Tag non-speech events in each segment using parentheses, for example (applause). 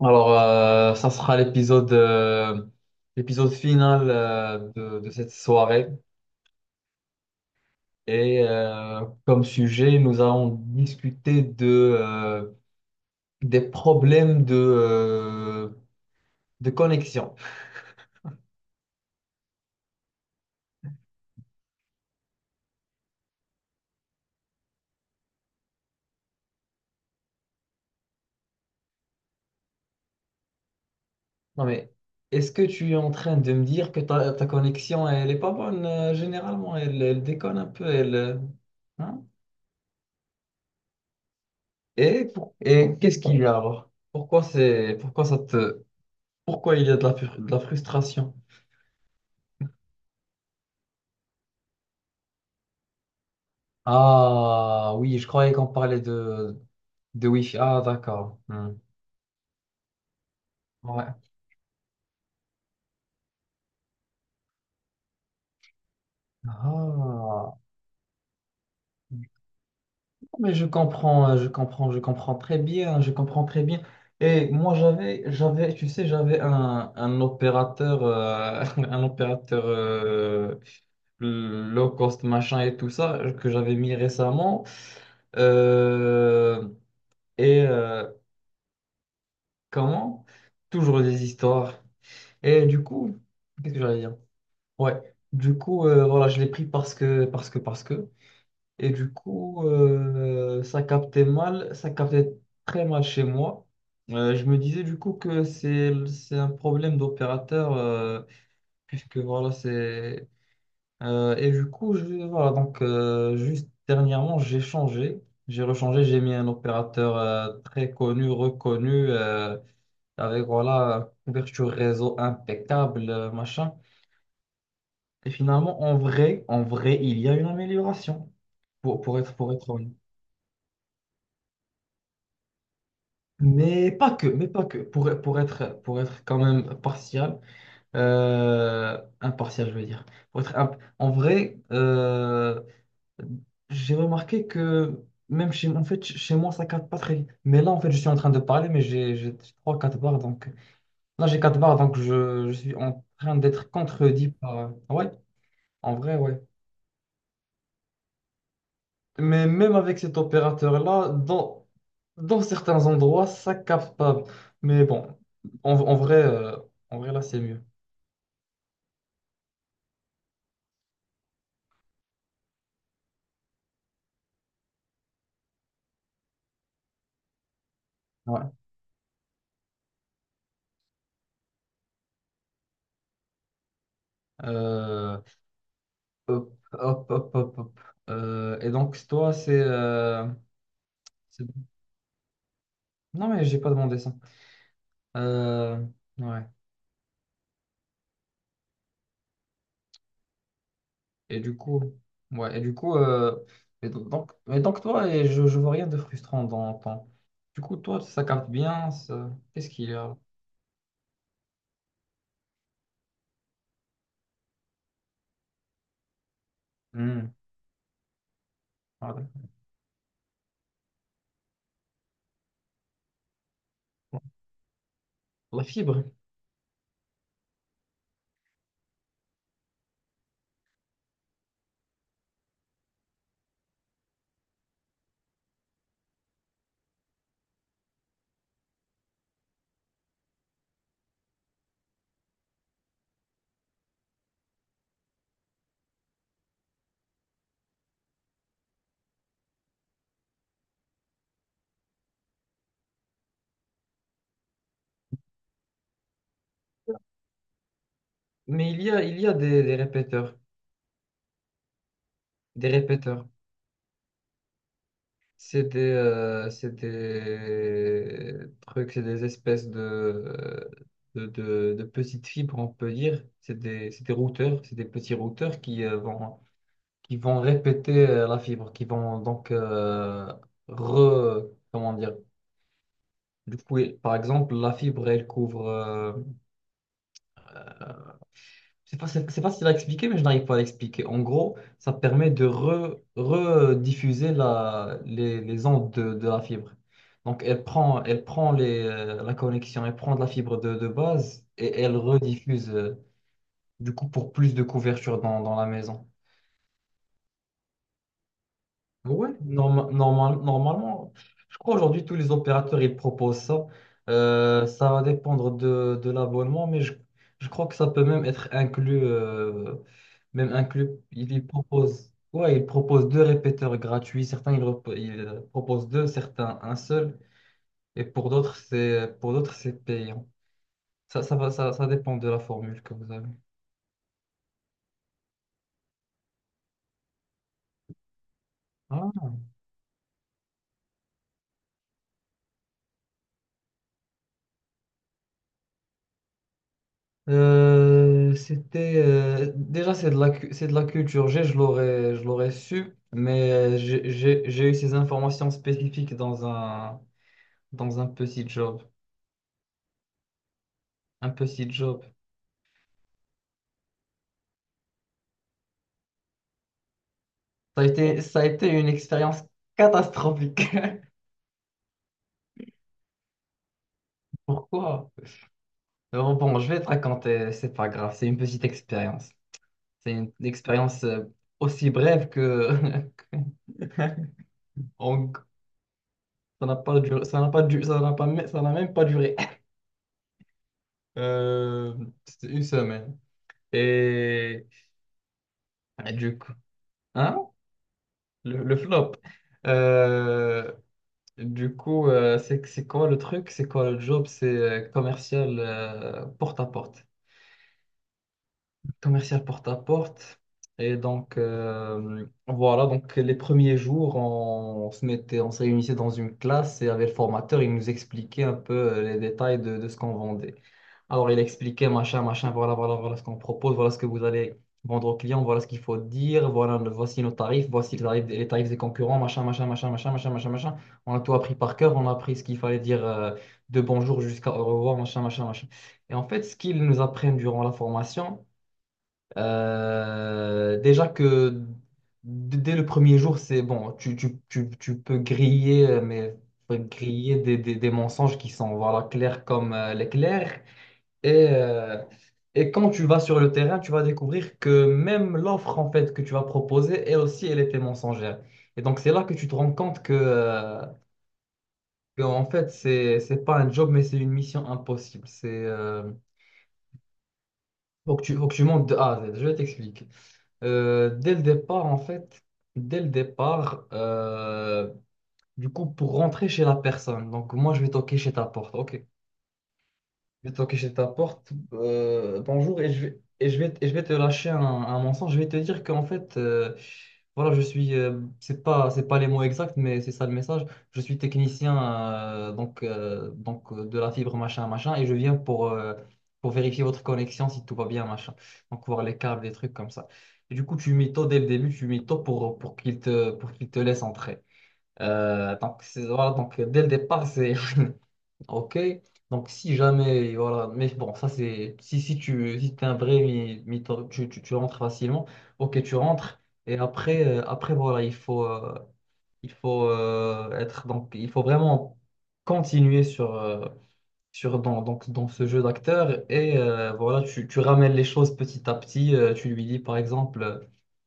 Ça sera l'épisode final de cette soirée. Comme sujet, nous allons discuter euh, des problèmes de connexion. Non mais, est-ce que tu es en train de me dire que ta connexion, elle est pas bonne généralement? Elle déconne un peu, elle... hein et qu'est-ce qu'il y a alors? Pourquoi ça te, pourquoi il y a de la frustration? Ah oui, je croyais qu'on parlait de Wi-Fi. Ah d'accord. Hmm. Ouais. Ah. Mais je comprends très bien, je comprends très bien. Et moi tu sais, j'avais un opérateur, (laughs) un opérateur low cost machin et tout ça que j'avais mis récemment. Euh, et euh, Comment? Toujours des histoires. Et du coup, qu'est-ce que j'allais dire? Ouais, voilà, je l'ai pris parce que. Et ça captait mal, ça captait très mal chez moi. Je me disais du coup que c'est un problème d'opérateur, puisque voilà, c'est. Voilà, juste dernièrement, j'ai changé. J'ai rechangé, j'ai mis un opérateur très connu, reconnu, avec voilà, couverture réseau impeccable, machin. Et finalement, en vrai, il y a une amélioration, pour être honnête. Mais pas que. Pour être quand même impartial, je veux dire. Pour être imp- en vrai, J'ai remarqué que même chez, en fait, chez moi, ça capte pas très vite. Mais là, en fait, je suis en train de parler, mais j'ai trois, quatre barres. Donc, là, j'ai quatre barres, je suis en train d'être contredit par. Ouais, en vrai, ouais. Mais même avec cet opérateur-là, dans certains endroits, ça capte pas. Mais bon, en, en vrai, euh, en vrai, là, c'est mieux. Ouais. Euh, Hop, hop, hop, hop, hop. Euh, et donc, toi, c'est... euh, bon. Non, mais j'ai pas demandé ça. Euh, ouais. Et du coup... Ouais, et du coup... et do- donc, et donc, toi, je vois rien de frustrant dans ton... Du coup, toi, ça capte bien. Qu'est-ce qu'il y a? Hmm, voilà. La fibre. Mais il y a des répéteurs. Des répéteurs. C'est c'est des trucs, c'est des espèces de petites fibres, on peut dire. C'est des routeurs, c'est des petits routeurs qui, qui vont répéter la fibre, qui vont donc re, comment dire. Du coup, par exemple, la fibre, elle couvre C'est pas, c'est pas facile à expliquer, mais je n'arrive pas à l'expliquer. En gros, ça permet de rediffuser les ondes de la fibre. Donc, elle prend les, elle prend de la fibre de base et elle rediffuse, pour plus de couverture dans la maison. Oui, normalement, je crois aujourd'hui tous les opérateurs ils proposent ça. Ça va dépendre de l'abonnement, je crois que ça peut même être inclus, même inclus. Ils proposent, ouais, ils proposent deux répéteurs gratuits. Certains ils proposent deux, certains un seul, et pour d'autres c'est payant. Ça dépend de la formule que vous avez. Ah, c'était déjà c'est de la c'est de la culture G, je l'aurais su, mais j'ai eu ces informations spécifiques dans un petit job, un petit job. Ça a été une expérience catastrophique. (laughs) Pourquoi? Alors, bon, je vais te raconter, c'est pas grave, c'est une petite expérience. C'est une expérience aussi brève que (laughs) en- ça n'a pas duré, ça n'a même pas duré. (laughs) Euh, c'était une semaine. Et ah, du coup, hein? Le flop. Euh, c'est quoi le truc? C'est quoi le job? C'est commercial porte à porte. Commercial porte à porte. Et donc, voilà, donc les premiers jours, se mettait, on se réunissait dans une classe et avec le formateur, il nous expliquait un peu les détails de ce qu'on vendait. Alors, il expliquait, machin, machin, voilà ce qu'on propose, voilà ce que vous allez vendre au client, voilà ce qu'il faut dire, voilà, voici nos tarifs, voici les tarifs, des concurrents, machin, machin, machin, machin, machin, machin, machin. On a tout appris par cœur, on a appris ce qu'il fallait dire de bonjour jusqu'à au revoir, machin, machin, machin. Et en fait, ce qu'ils nous apprennent durant la formation, déjà que dès le premier jour, c'est bon, tu peux griller, mais griller des mensonges qui sont, voilà, clairs comme l'éclair. Et, euh, et quand tu vas sur le terrain, tu vas découvrir que même l'offre en fait que tu vas proposer, elle aussi, elle était mensongère. Et donc c'est là que tu te rends compte que, en fait, c'est pas un job, mais c'est une mission impossible. C'est, faut que tu montes de A à Z. Je vais t'expliquer. Euh, dès le départ, en fait, dès le départ, du coup, pour rentrer chez la personne, donc moi, je vais toquer chez ta porte. Ok, je vais que je t'apporte. Euh, bonjour, et et je vais te lâcher un mensonge. Je vais te dire qu'en fait, voilà, je suis, c'est pas les mots exacts, mais c'est ça le message. Je suis technicien de la fibre machin machin, et je viens pour vérifier votre connexion si tout va bien machin. Donc voir les câbles, des trucs comme ça. Et du coup, tu mytho dès le début, tu mytho pour qu'il pour qu'il te laisse entrer. Voilà, donc dès le départ, c'est. (laughs) Ok, donc si jamais, voilà, mais bon, ça c'est, si tu si t'es un vrai, tu rentres facilement, ok, tu rentres, et après, après voilà, il faut donc il faut vraiment continuer dans ce jeu d'acteur et voilà, tu ramènes les choses petit à petit. Euh, tu lui dis par exemple,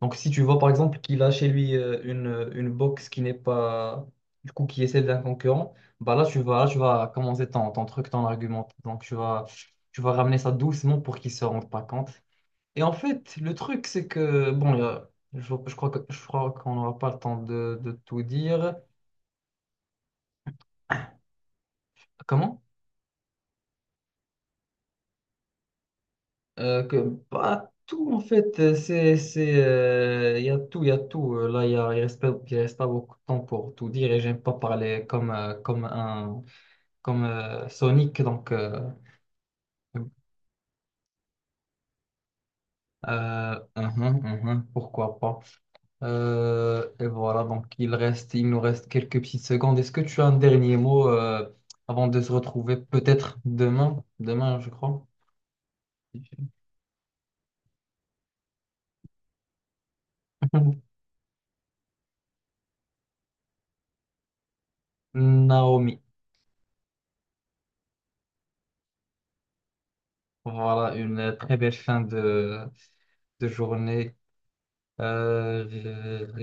donc si tu vois par exemple qu'il a chez lui une box qui n'est pas, du coup, qui est celle d'un concurrent, bah là tu vas commencer ton truc, ton argument. Donc tu vas ramener ça doucement pour qu'il se rende pas compte. Et en fait, le truc c'est que, bon, je, je crois qu'on n'aura pas le temps de tout dire. Comment? Euh, que, Bah, tout en fait, il y a tout, il y a tout. Là, il reste pas beaucoup de temps pour tout dire et j'aime pas parler comme, Sonic, donc, uhum, uhum, pourquoi pas. Et voilà, donc il reste, il nous reste quelques petites secondes. Est-ce que tu as un dernier mot, avant de se retrouver peut-être demain, demain, je crois. (laughs) Naomi. Voilà, une très belle fin de journée. Euh, je-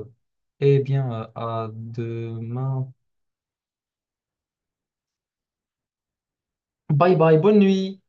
je- eh bien, à demain. Bye bye, bonne nuit.